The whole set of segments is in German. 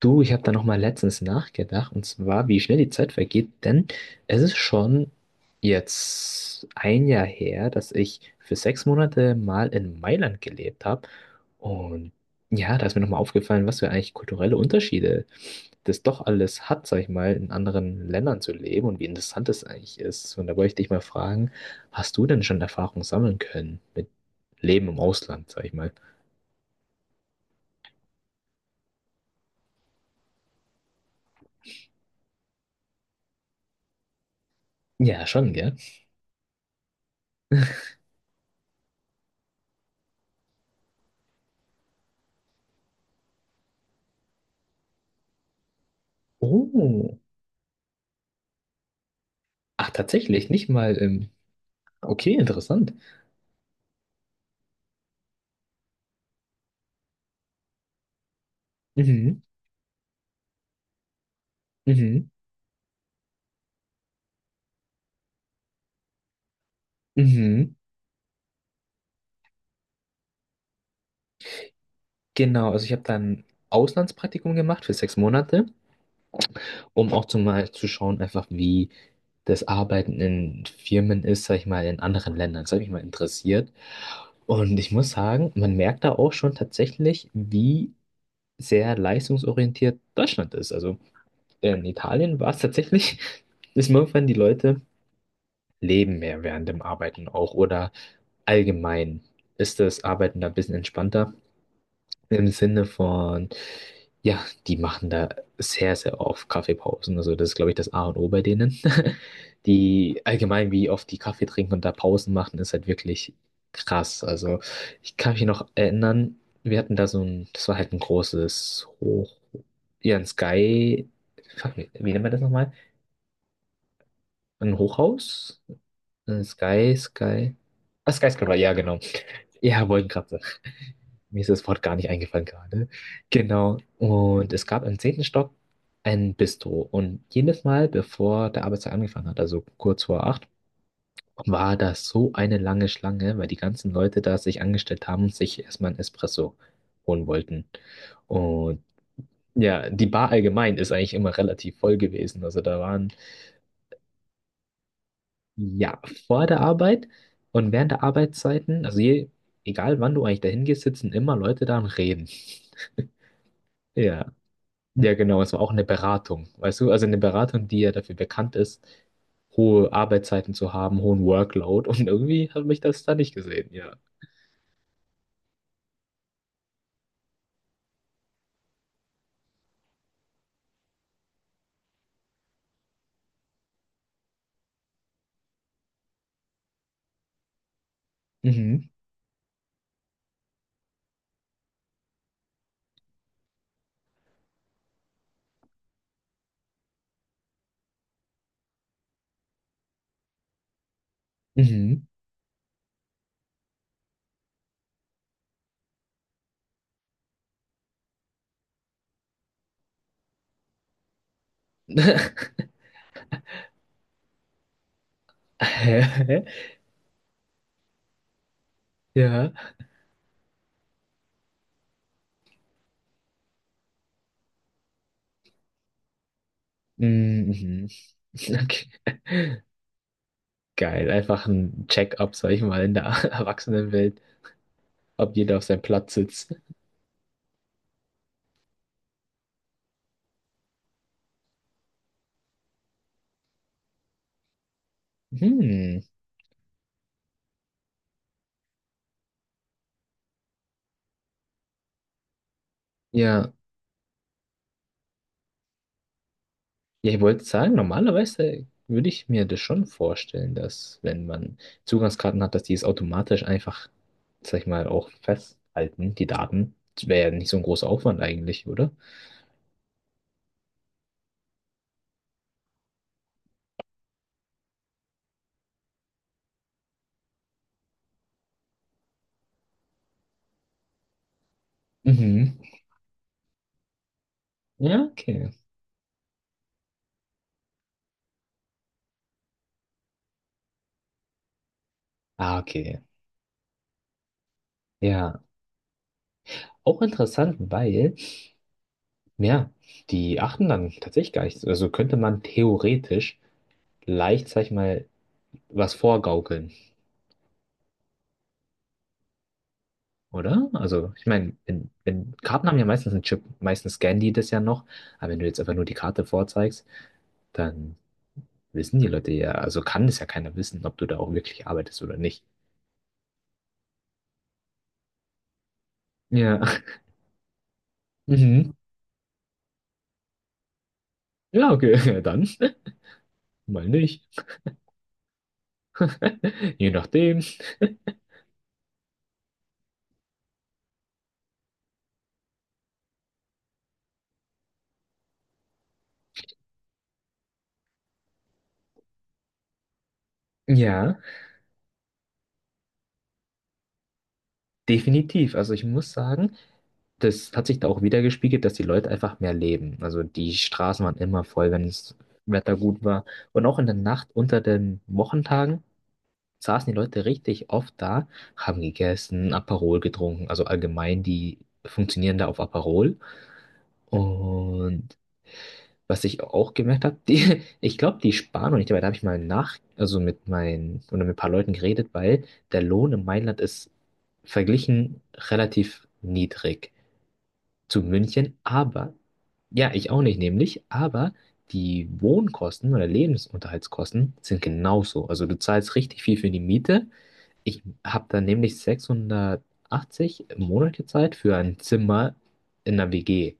Du, ich habe da noch mal letztens nachgedacht, und zwar, wie schnell die Zeit vergeht, denn es ist schon jetzt ein Jahr her, dass ich für 6 Monate mal in Mailand gelebt habe. Und ja, da ist mir noch mal aufgefallen, was für eigentlich kulturelle Unterschiede das doch alles hat, sag ich mal, in anderen Ländern zu leben und wie interessant das eigentlich ist. Und da wollte ich dich mal fragen, hast du denn schon Erfahrungen sammeln können mit Leben im Ausland, sag ich mal? Ja, schon, gell? Oh, ach, tatsächlich, nicht mal im. Okay, interessant. Mhm, mhm, mhm. Genau, also ich habe dann Auslandspraktikum gemacht für 6 Monate, um auch zumal zu schauen, einfach wie das Arbeiten in Firmen ist, sag ich mal, in anderen Ländern. Das hat mich mal interessiert. Und ich muss sagen, man merkt da auch schon tatsächlich, wie sehr leistungsorientiert Deutschland ist. Also in Italien war es tatsächlich, dass manchmal die Leute leben mehr während dem Arbeiten auch oder allgemein ist das Arbeiten da ein bisschen entspannter. Im Sinne von, ja, die machen da sehr, sehr oft Kaffeepausen. Also das ist, glaube ich, das A und O bei denen. Die allgemein, wie oft die Kaffee trinken und da Pausen machen, ist halt wirklich krass. Also ich kann mich noch erinnern, wir hatten da so ein, das war halt ein großes Hoch, ja, ein Sky, fuck, wie nennt man das nochmal? Ein Hochhaus? Ein Sky, Sky. Ah, Skyscraper, ja, genau. Ja, wollte gerade. Mir ist das Wort gar nicht eingefallen gerade. Genau. Und es gab im 10. Stock ein Bistro. Und jedes Mal, bevor der Arbeitstag angefangen hat, also kurz vor 8, war das so eine lange Schlange, weil die ganzen Leute da sich angestellt haben und sich erstmal ein Espresso holen wollten. Und ja, die Bar allgemein ist eigentlich immer relativ voll gewesen. Also da waren, ja, vor der Arbeit und während der Arbeitszeiten, also je, egal wann du eigentlich dahin gehst, sitzen immer Leute da und reden. Ja, ja, genau, es war auch eine Beratung, weißt du, also eine Beratung, die ja dafür bekannt ist, hohe Arbeitszeiten zu haben, hohen Workload und irgendwie habe ich das da nicht gesehen, ja. Mhm, mhm. Ja, mhm, mhm. Okay. Geil, einfach ein Check-up, sag ich mal, in der Erwachsenenwelt, ob jeder auf seinem Platz sitzt. Hm. Ja, ja, ich wollte sagen, normalerweise würde ich mir das schon vorstellen, dass wenn man Zugangskarten hat, dass die es automatisch einfach, sag ich mal, auch festhalten, die Daten. Das wäre ja nicht so ein großer Aufwand eigentlich, oder? Mhm. Ja, okay. Ah, okay. Ja, auch interessant, weil, ja, die achten dann tatsächlich gar nicht so. Also könnte man theoretisch leicht, sag ich mal, was vorgaukeln. Oder? Also, ich meine, wenn, Karten haben ja meistens einen Chip, meistens scannen die das ja noch, aber wenn du jetzt einfach nur die Karte vorzeigst, dann wissen die Leute ja, also kann das ja keiner wissen, ob du da auch wirklich arbeitest oder nicht. Ja. Mhm. Ja, okay, dann mal nicht. Je nachdem. Ja, definitiv. Also ich muss sagen, das hat sich da auch wieder gespiegelt, dass die Leute einfach mehr leben. Also die Straßen waren immer voll, wenn das Wetter gut war. Und auch in der Nacht unter den Wochentagen saßen die Leute richtig oft da, haben gegessen, Aperol getrunken, also allgemein, die funktionieren da auf Aperol. Und was ich auch gemerkt habe, die, ich glaube, die sparen und ich dabei, da habe ich mal nach, also mit meinen, oder mit ein paar Leuten geredet, weil der Lohn in Mailand ist verglichen relativ niedrig zu München, aber, ja, ich auch nicht nämlich, aber die Wohnkosten oder Lebensunterhaltskosten sind genauso. Also du zahlst richtig viel für die Miete. Ich habe dann nämlich 680 Monate Zeit für ein Zimmer in einer WG.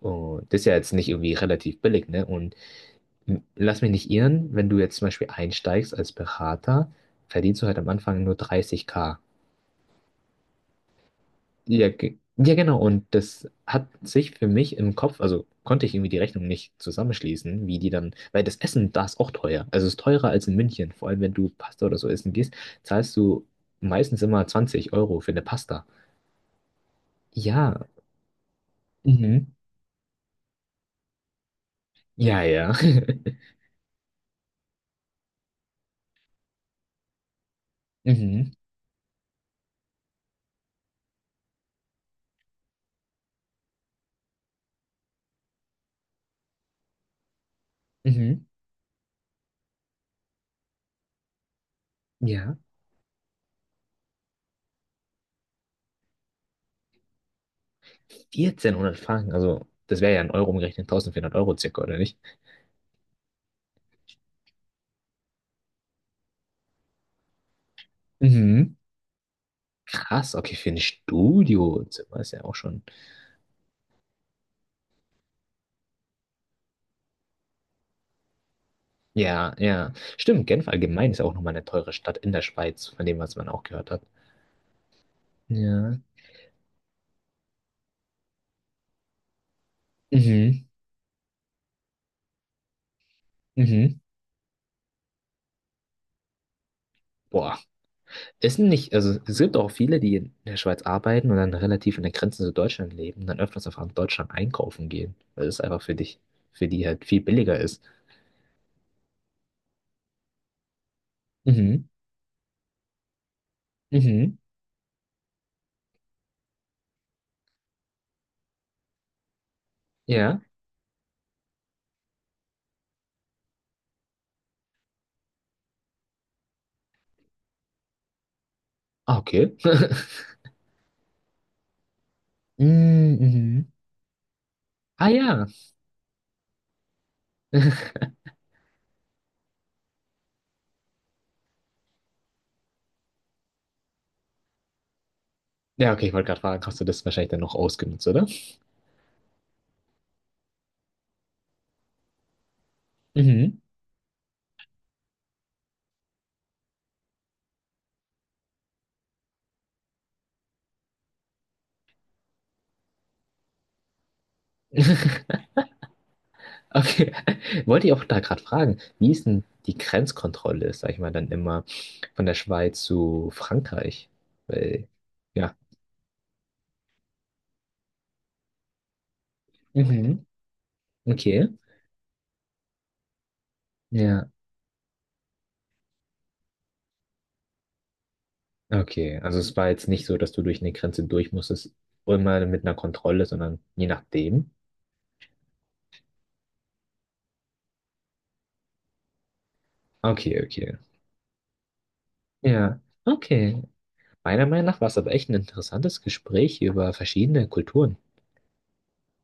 Und das ist ja jetzt nicht irgendwie relativ billig, ne? Und lass mich nicht irren, wenn du jetzt zum Beispiel einsteigst als Berater, verdienst du halt am Anfang nur 30K. Ja, ja, genau. Und das hat sich für mich im Kopf, also konnte ich irgendwie die Rechnung nicht zusammenschließen, wie die dann, weil das Essen da ist auch teuer. Also es ist teurer als in München. Vor allem, wenn du Pasta oder so essen gehst, zahlst du meistens immer 20 € für eine Pasta. Ja, mhm, ja, ja. Mhm. Mhm. Ja. 1.400 Franken, also das wäre ja in Euro umgerechnet 1.400 € circa, oder nicht? Mhm. Krass, okay, für ein Studiozimmer ist ja auch schon. Ja, ja. Stimmt, Genf allgemein ist ja auch nochmal eine teure Stadt in der Schweiz, von dem, was man auch gehört hat. Ja. Mhm. Mhm. Boah, ist nicht, also es gibt auch viele, die in der Schweiz arbeiten und dann relativ in der Grenze zu Deutschland leben und dann öfters einfach in Deutschland einkaufen gehen, weil es einfach für dich, für die halt viel billiger ist. Mhm. Mhm. Ja. Ah, okay. Mhm. Mhm. Ah, ja. Ja, okay, ich wollte gerade fragen, hast du das wahrscheinlich dann noch ausgenutzt, oder? Mhm. Okay. Wollte ich auch da gerade fragen, wie ist denn die Grenzkontrolle, ist, sag ich mal, dann immer von der Schweiz zu Frankreich? Weil, ja. Mhm. Okay. Ja, okay. Also es war jetzt nicht so, dass du durch eine Grenze durch musstest, immer mit einer Kontrolle, sondern je nachdem. Okay, okay. Ja, okay. Meiner Meinung nach war es aber echt ein interessantes Gespräch über verschiedene Kulturen.